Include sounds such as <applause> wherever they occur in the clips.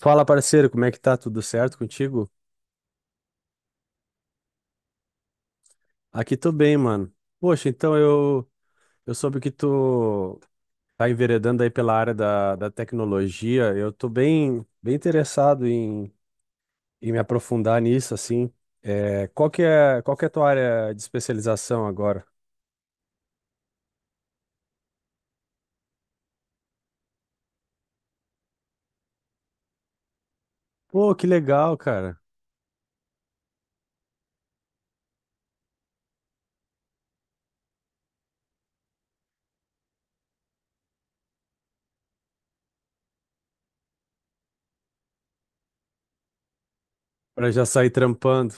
Fala, parceiro, como é que tá? Tudo certo contigo? Aqui tô bem, mano. Poxa, então eu soube que tu tá enveredando aí pela área da tecnologia. Eu tô bem, bem interessado em me aprofundar nisso, assim. Qual que é a tua área de especialização agora? Pô, que legal, cara. Pra já sair trampando.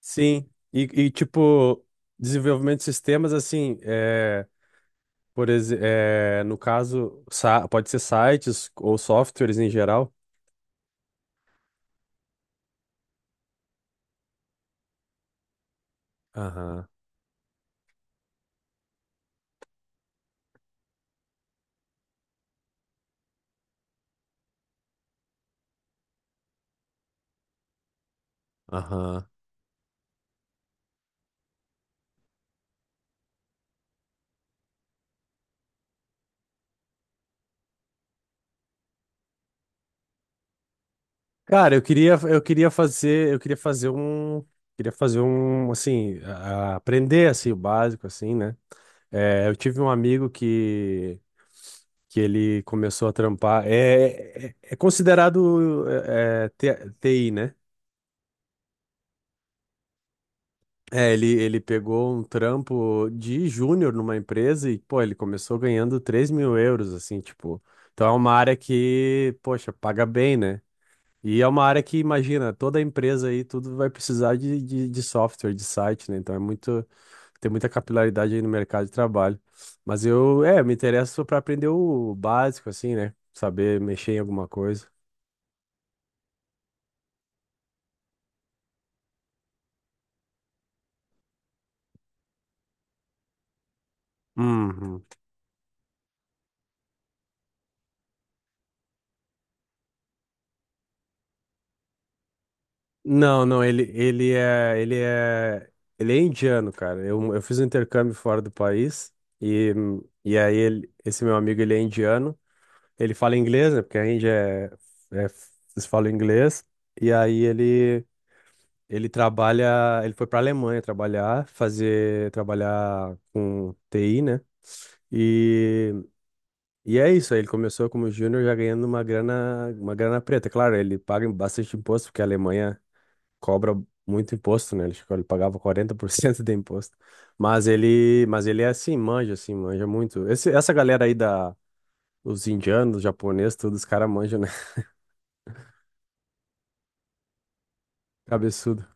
Sim. E tipo, desenvolvimento de sistemas, assim, por exemplo, no caso, pode ser sites ou softwares em geral. Aham, aham. Cara, eu queria fazer um, assim, aprender assim o básico, assim, né? Eu tive um amigo que ele começou a trampar. É considerado TI, né? É, ele pegou um trampo de júnior numa empresa e, pô, ele começou ganhando 3 mil euros, assim, tipo. Então é uma área que, poxa, paga bem, né? E é uma área que, imagina, toda empresa aí, tudo vai precisar de software, de site, né? Então tem muita capilaridade aí no mercado de trabalho. Mas me interesso para aprender o básico, assim, né? Saber mexer em alguma coisa. Uhum. Não, não, ele é indiano, cara. Eu fiz um intercâmbio fora do país e, e aí esse meu amigo, ele é indiano. Ele fala inglês, né? Porque a Índia é, eles falam inglês. E aí ele trabalha, ele foi para Alemanha trabalhar, fazer, trabalhar com TI, né? E, e é isso, aí ele começou como júnior já ganhando uma grana preta. Claro, ele paga bastante imposto, porque a Alemanha cobra muito imposto, né? Ele, acho que ele pagava 40% de imposto. Mas ele é assim, manja muito. Essa galera aí, os indianos, japoneses, todos os caras manjam, né? <laughs> Cabeçudo.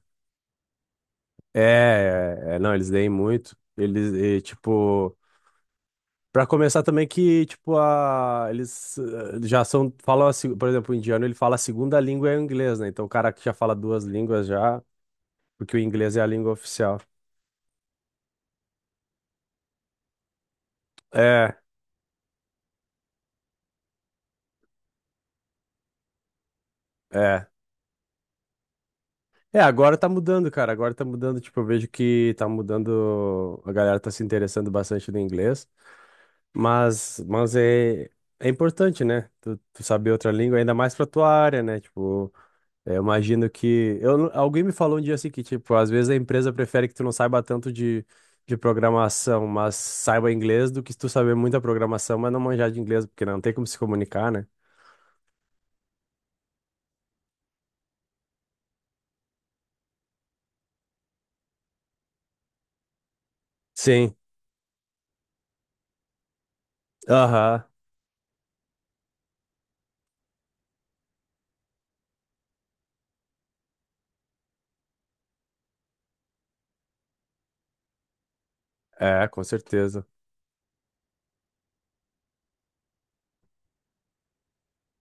É, não, eles leem muito. Tipo, pra começar também que, tipo, a, eles eh, já são, falam, a se- por exemplo, o indiano, ele fala a segunda língua é o inglês, né? Então o cara que já fala duas línguas já, porque o inglês é a língua oficial. É, é. É, agora tá mudando, cara. Agora tá mudando. Tipo, eu vejo que tá mudando. A galera tá se interessando bastante no inglês. Mas é importante, né? Tu saber outra língua, ainda mais pra tua área, né? Tipo, é, eu imagino que. Eu, não- alguém me falou um dia assim que, tipo, às vezes a empresa prefere que tu não saiba tanto de programação, mas saiba inglês do que tu saber muita programação, mas não manjar de inglês, porque não tem como se comunicar, né? Sim. Aham. É, com certeza.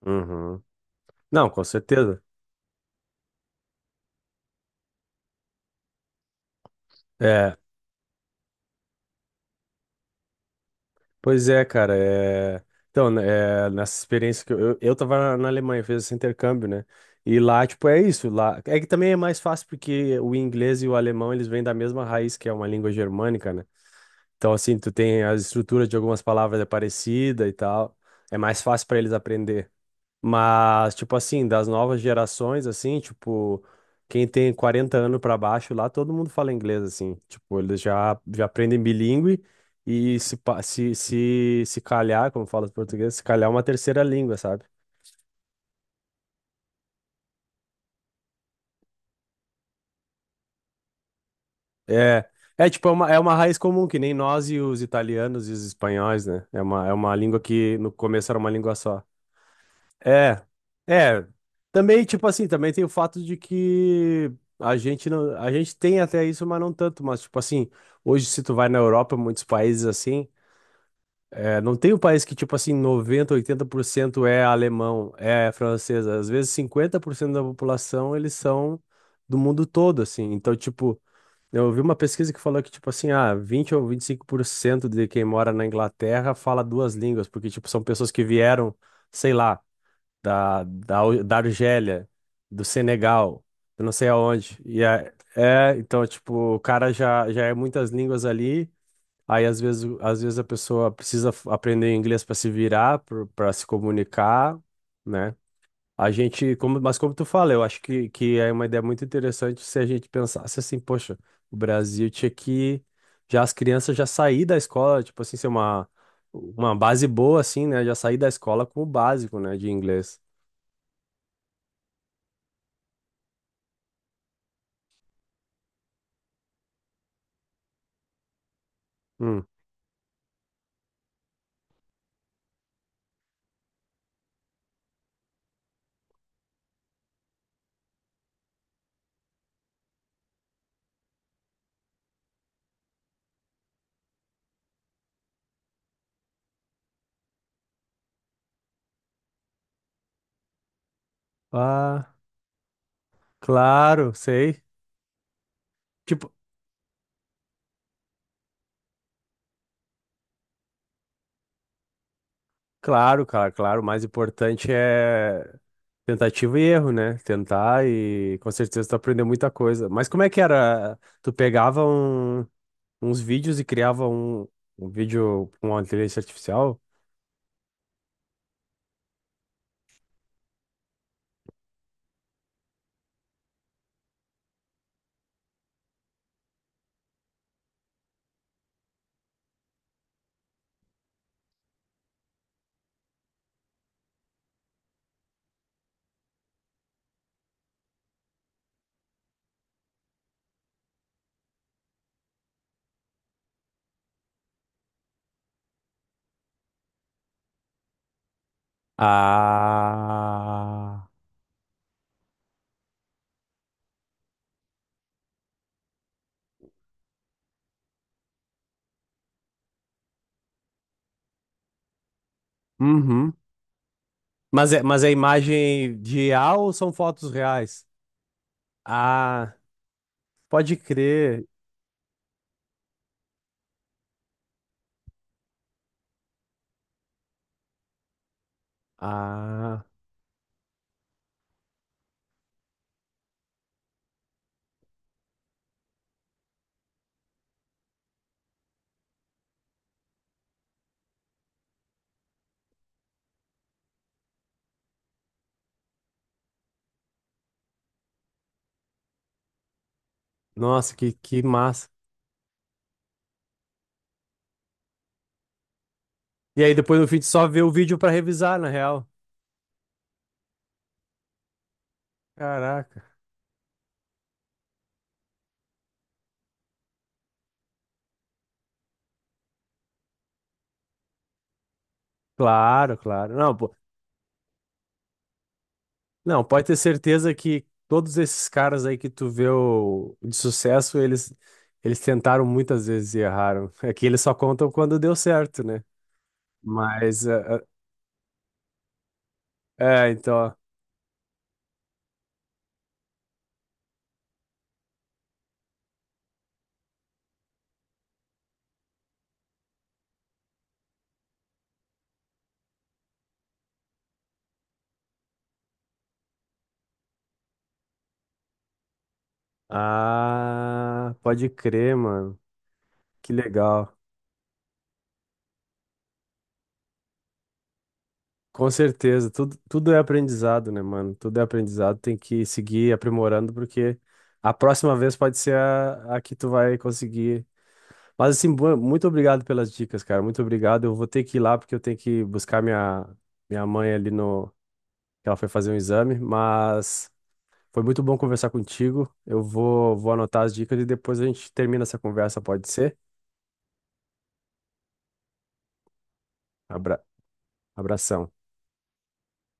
Uhum. Não, com certeza. É. Pois é, cara. Então, né, é, nessa experiência que eu tava na Alemanha, fiz esse intercâmbio, né? E lá, tipo, é isso. Lá... é que também é mais fácil porque o inglês e o alemão, eles vêm da mesma raiz, que é uma língua germânica, né? Então, assim, tu tem as estruturas de algumas palavras é parecida e tal. É mais fácil para eles aprender. Mas, tipo assim, das novas gerações, assim, tipo, quem tem 40 anos pra baixo lá, todo mundo fala inglês, assim. Tipo, eles já, já aprendem bilíngue e se, pa- se calhar, como fala os portugueses, se calhar é uma terceira língua, sabe? É, é tipo, é uma raiz comum, que nem nós e os italianos e os espanhóis, né? É uma língua que no começo era uma língua só. É, é. Também, tipo assim, também tem o fato de que a gente não, a gente tem até isso, mas não tanto. Mas, tipo assim, hoje se tu vai na Europa, muitos países assim, é, não tem um país que, tipo assim, 90 80% é alemão, é francês. Às vezes 50% da população, eles são do mundo todo, assim. Então, tipo, eu ouvi uma pesquisa que falou que, tipo assim, ah, 20 ou 25% de quem mora na Inglaterra fala duas línguas, porque, tipo, são pessoas que vieram, sei lá da Argélia, do Senegal, eu não sei aonde. Então, tipo, já é muitas línguas ali. Aí, às vezes, às vezes a pessoa precisa aprender inglês para se virar, para se comunicar, né? Mas como tu fala, eu acho que é uma ideia muito interessante se a gente pensasse assim, poxa, o Brasil tinha que já as crianças já sair da escola, tipo assim, ser uma base boa, assim, né? Já sair da escola com o básico, né, de inglês. Hum. Ah, claro, sei. Tipo, claro, cara, claro. O mais importante é tentativa e erro, né? Tentar e com certeza tu aprendeu muita coisa. Mas como é que era? Tu pegava uns vídeos e criava um, um vídeo com uma inteligência artificial? Ah, uhum. Mas é imagem de IA ou são fotos reais? Ah, pode crer. Ah, nossa, que massa. E aí depois no fim tu só vê o vídeo pra revisar, na real. Caraca. Claro, claro. Não, pô. Não, pode ter certeza que todos esses caras aí que tu vê o... de sucesso, eles tentaram muitas vezes e erraram. É que eles só contam quando deu certo, né? Mas é, é, é, então, ah, pode crer, mano. Que legal. Com certeza, tudo, tudo é aprendizado, né, mano? Tudo é aprendizado, tem que seguir aprimorando, porque a próxima vez pode ser a que tu vai conseguir. Mas, assim, muito obrigado pelas dicas, cara. Muito obrigado. Eu vou ter que ir lá, porque eu tenho que buscar minha, minha mãe ali no. Que ela foi fazer um exame, mas foi muito bom conversar contigo. Vou anotar as dicas e depois a gente termina essa conversa, pode ser? Abra, abração.